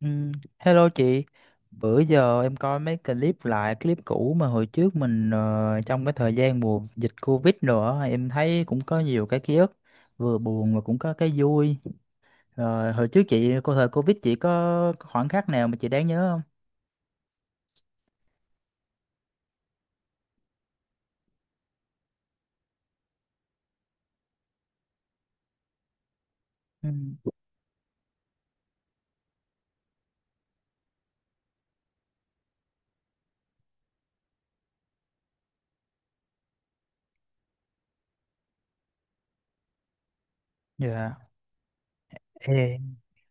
Ừ, hello chị, bữa giờ em coi mấy clip lại, clip cũ mà hồi trước mình trong cái thời gian mùa dịch Covid nữa, em thấy cũng có nhiều cái ký ức, vừa buồn mà cũng có cái vui. Rồi hồi trước chị, cô thời Covid chị có khoảnh khắc nào mà chị đáng nhớ không? Ừ. Dạ. Ê,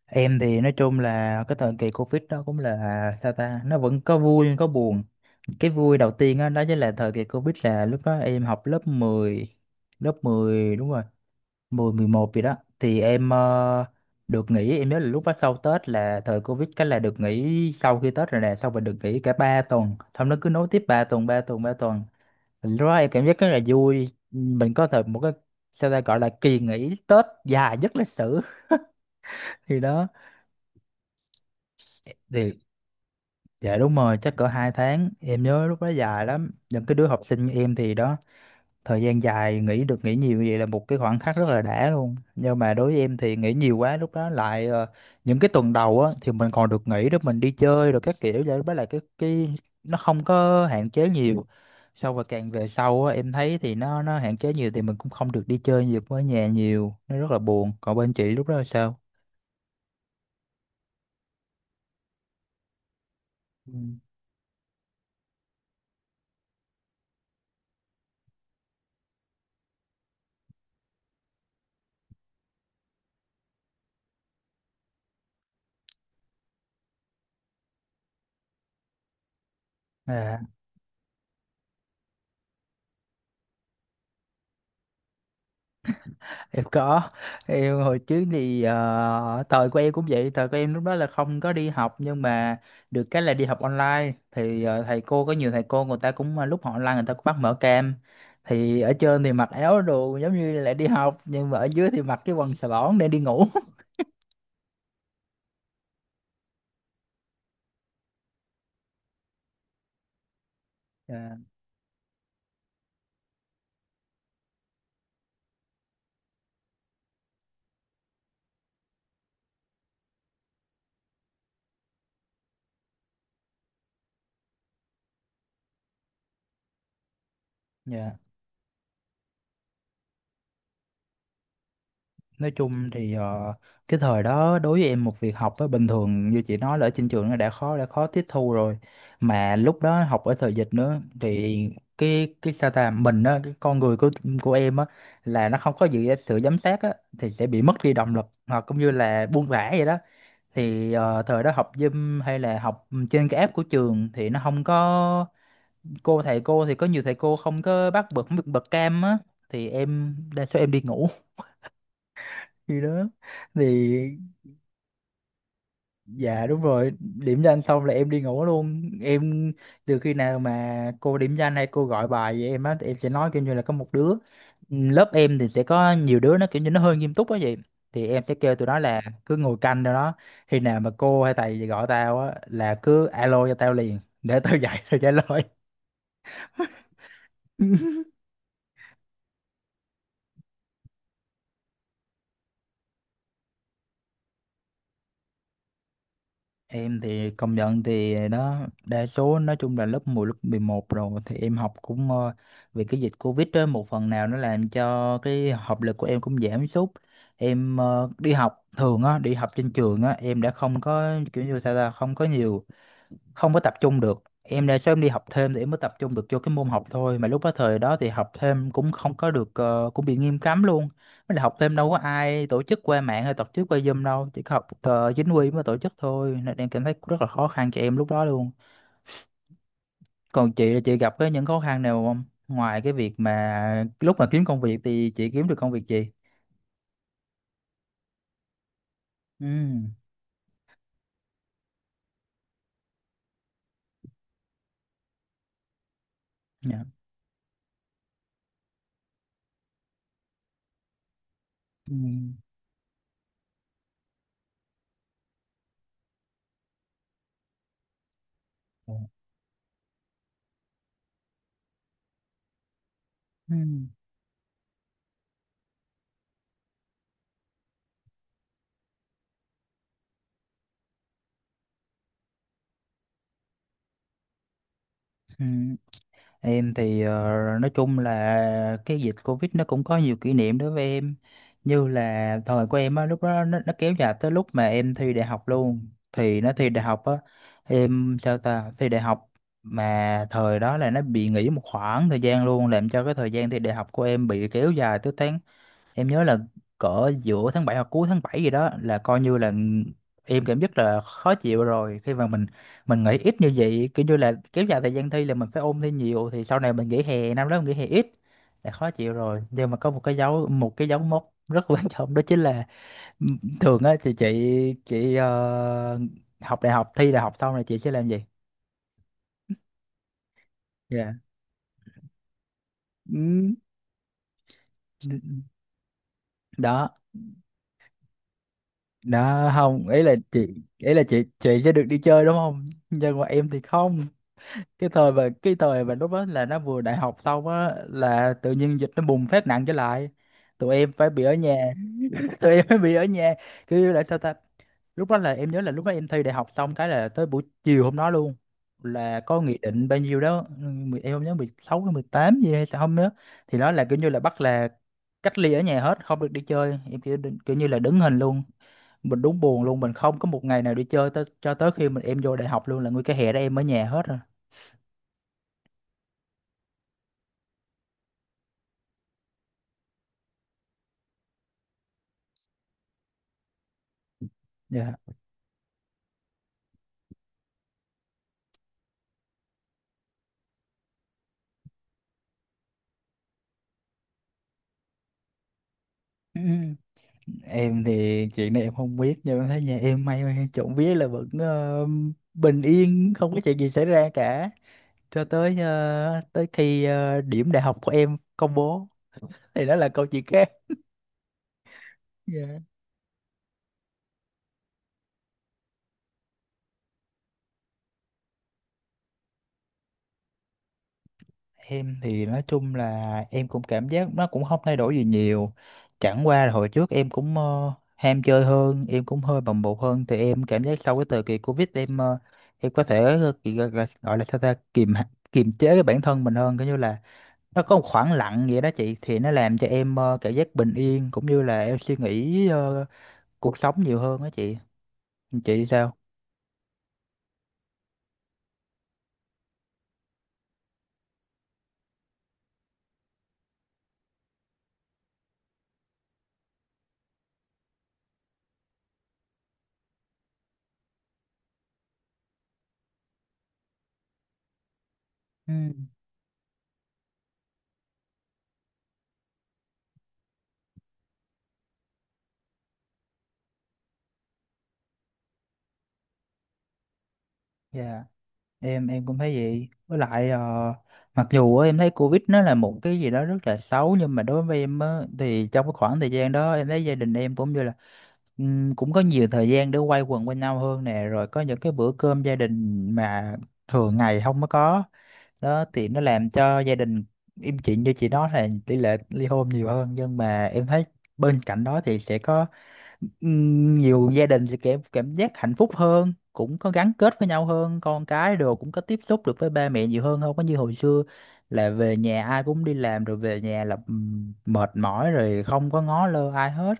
em thì nói chung là cái thời kỳ Covid đó cũng là sao ta, nó vẫn có vui có buồn. Cái vui đầu tiên đó, đó chính là thời kỳ Covid là lúc đó em học lớp 10 đúng rồi. Mười mười một gì đó thì em được nghỉ, em nhớ là lúc đó sau Tết là thời Covid, cái là được nghỉ sau khi Tết rồi nè, xong rồi được nghỉ cả 3 tuần, xong nó cứ nối tiếp 3 tuần 3 tuần 3 tuần. Thì lúc đó em cảm giác rất là vui, mình có thể một cái sao ta gọi là kỳ nghỉ Tết dài nhất lịch sử. Thì đó thì dạ đúng rồi, chắc cỡ 2 tháng, em nhớ lúc đó dài lắm, những cái đứa học sinh như em thì đó, thời gian dài nghỉ, được nghỉ nhiều vậy là một cái khoảnh khắc rất là đã luôn, nhưng mà đối với em thì nghỉ nhiều quá lúc đó lại những cái tuần đầu á thì mình còn được nghỉ để mình đi chơi rồi các kiểu vậy, với lại cái nó không có hạn chế nhiều. Sau và càng về sau á em thấy thì nó hạn chế nhiều thì mình cũng không được đi chơi nhiều, với nhà nhiều nó rất là buồn. Còn bên chị lúc đó là sao? Ừ. Em có. Em hồi trước thì thời của em cũng vậy, thời của em lúc đó là không có đi học, nhưng mà được cái là đi học online thì thầy cô có nhiều thầy cô người ta cũng lúc họ online người ta cũng bắt mở cam, thì ở trên thì mặc áo đồ giống như là đi học nhưng mà ở dưới thì mặc cái quần xà lỏn để đi ngủ. Dạ. Dạ. Nói chung thì cái thời đó đối với em một việc học á bình thường như chị nói là ở trên trường nó đã khó, đã khó tiếp thu rồi, mà lúc đó học ở thời dịch nữa thì cái sao ta mình á, cái con người của em á là nó không có gì sự giám sát á thì sẽ bị mất đi động lực hoặc cũng như là buông thả vậy đó. Thì thời đó học Zoom hay là học trên cái app của trường thì nó không có cô, thầy cô thì có nhiều thầy cô không có bắt bật bật cam á, thì em đa số em đi ngủ. Khi đó thì dạ đúng rồi, điểm danh xong là em đi ngủ luôn. Em từ khi nào mà cô điểm danh hay cô gọi bài vậy em á thì em sẽ nói kiểu như là có một đứa, lớp em thì sẽ có nhiều đứa nó kiểu như nó hơi nghiêm túc á vậy. Thì em sẽ kêu tụi nó là cứ ngồi canh đâu đó. Khi nào mà cô hay thầy gì gọi tao á là cứ alo cho tao liền để tao dậy tao trả lời. Em thì công nhận thì đó đa số nói chung là lớp 10, lớp 11 rồi thì em học cũng vì cái dịch Covid đó một phần nào nó làm cho cái học lực của em cũng giảm sút. Em đi học thường á, đi học trên trường á em đã không có kiểu như sao ta, không có nhiều, không có tập trung được, em đa số em đi học thêm thì em mới tập trung được cho cái môn học thôi, mà lúc đó thời đó thì học thêm cũng không có được cũng bị nghiêm cấm luôn, mới là học thêm đâu có ai tổ chức qua mạng hay tổ chức qua Zoom đâu, chỉ có học chính quy mới tổ chức thôi nên em cảm thấy rất là khó khăn cho em lúc đó luôn. Còn chị là chị gặp cái những khó khăn nào không, ngoài cái việc mà lúc mà kiếm công việc thì chị kiếm được công việc gì? Ừ. Dạ. Ừ. Ừ. Ừ. Em thì nói chung là cái dịch Covid nó cũng có nhiều kỷ niệm đối với em, như là thời của em á lúc đó nó kéo dài tới lúc mà em thi đại học luôn, thì nó thi đại học á em sao ta thi đại học mà thời đó là nó bị nghỉ một khoảng thời gian luôn, làm cho cái thời gian thi đại học của em bị kéo dài tới tháng, em nhớ là cỡ giữa tháng 7 hoặc cuối tháng 7 gì đó, là coi như là em cảm giác là khó chịu rồi, khi mà mình nghỉ ít như vậy kiểu như là kéo dài thời gian thi là mình phải ôn thi nhiều thì sau này mình nghỉ hè năm đó mình nghỉ hè ít là khó chịu rồi, nhưng mà có một cái dấu, một cái dấu mốc rất quan trọng đó chính là m- thường á thì chị học đại học, thi đại học xong rồi chị sẽ làm gì? Dạ. Ừ. Đó. Đó không, ý là chị, ý là chị sẽ được đi chơi đúng không, nhưng mà em thì không. Cái thời và cái thời và lúc đó là nó vừa đại học xong á là tự nhiên dịch nó bùng phát nặng trở lại, tụi em phải bị ở nhà. Tụi em phải bị ở nhà, kiểu như là sao ta, lúc đó là em nhớ là lúc đó em thi đại học xong cái là tới buổi chiều hôm đó luôn, là có nghị định bao nhiêu đó mười- em không nhớ 16 hay 18 gì hay sao không nhớ, thì nó là kiểu như là bắt là cách ly ở nhà hết, không được đi chơi. Em kiểu, kiểu như là đứng hình luôn, mình đúng buồn luôn, mình không có một ngày nào đi chơi tới, cho tới khi mình em vô đại học luôn là nguyên cái hè đó em ở nhà hết rồi. Dạ. Ừ. Em thì chuyện này em không biết nhưng em thấy nhà em may mắn trộm vía là vẫn bình yên, không có chuyện gì xảy ra cả, cho tới tới khi điểm đại học của em công bố thì đó là câu chuyện khác. Dạ. Em thì nói chung là em cũng cảm giác nó cũng không thay đổi gì nhiều, chẳng qua là hồi trước em cũng ham chơi hơn, em cũng hơi bồng bột hơn, thì em cảm giác sau cái thời kỳ Covid em em có thể kỳ- gọi là sao ta kiềm, hạ- kiềm chế cái bản thân mình hơn, coi như là nó có một khoảng lặng vậy đó chị, thì nó làm cho em cảm giác bình yên cũng như là em suy nghĩ cuộc sống nhiều hơn đó chị. Chị sao? Ừ. Dạ. Em cũng thấy vậy, với lại mặc dù á, em thấy Covid nó là một cái gì đó rất là xấu, nhưng mà đối với em á, thì trong cái khoảng thời gian đó em thấy gia đình em cũng như là cũng có nhiều thời gian để quay quần bên nhau hơn nè, rồi có những cái bữa cơm gia đình mà thường ngày không có có, đó thì nó làm cho gia đình im chuyện. Như chị nói là tỷ lệ ly hôn nhiều hơn nhưng mà em thấy bên cạnh đó thì sẽ có nhiều gia đình sẽ cảm cảm giác hạnh phúc hơn, cũng có gắn kết với nhau hơn, con cái đồ cũng có tiếp xúc được với ba mẹ nhiều hơn, không có như hồi xưa là về nhà ai cũng đi làm rồi về nhà là mệt mỏi rồi không có ngó lơ ai hết.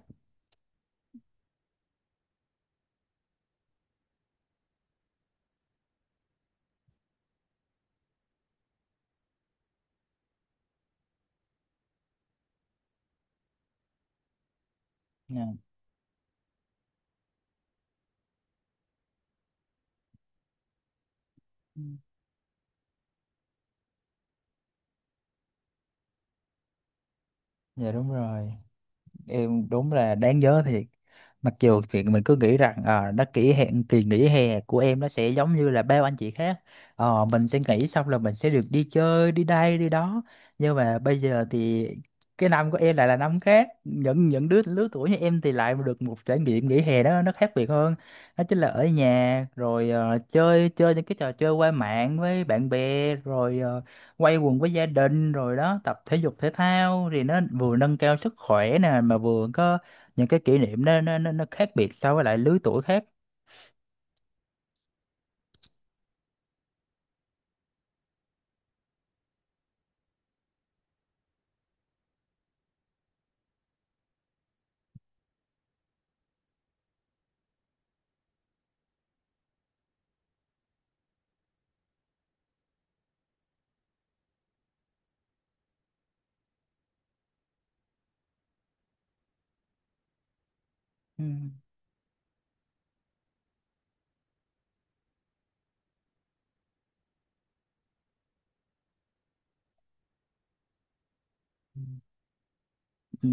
Dạ. Ừ. Dạ, đúng rồi, em đúng là đáng nhớ thiệt, mặc dù chuyện mình cứ nghĩ rằng à, nó kỷ hẹn kỳ nghỉ hè của em nó sẽ giống như là bao anh chị khác. Ờ, mình sẽ nghỉ xong là mình sẽ được đi chơi đi đây đi đó, nhưng mà bây giờ thì cái năm của em lại là năm khác, những đứa lứa tuổi như em thì lại được một trải nghiệm nghỉ hè đó nó khác biệt hơn, đó chính là ở nhà rồi chơi chơi những cái trò chơi qua mạng với bạn bè rồi quay quần với gia đình rồi đó, tập thể dục thể thao thì nó vừa nâng cao sức khỏe nè mà vừa có những cái kỷ niệm nó nó khác biệt so với lại lứa tuổi khác. Ừ. Ừ.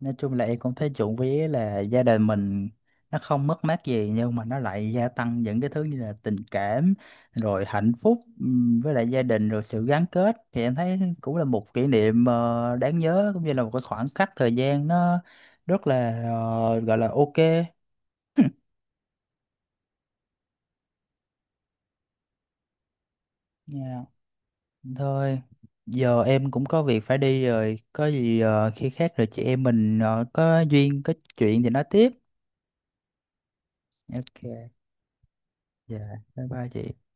Nói chung là em cũng thấy trộm vía là gia đình mình nó không mất mát gì, nhưng mà nó lại gia tăng những cái thứ như là tình cảm, rồi hạnh phúc, với lại gia đình, rồi sự gắn kết, thì em thấy cũng là một kỷ niệm đáng nhớ, cũng như là một cái khoảng khắc thời gian nó rất là gọi là ok. Yeah. Thôi, giờ em cũng có việc phải đi rồi. Có gì khi khác rồi chị em mình có duyên, có chuyện thì nói tiếp. Ok, dạ, bye bye chị.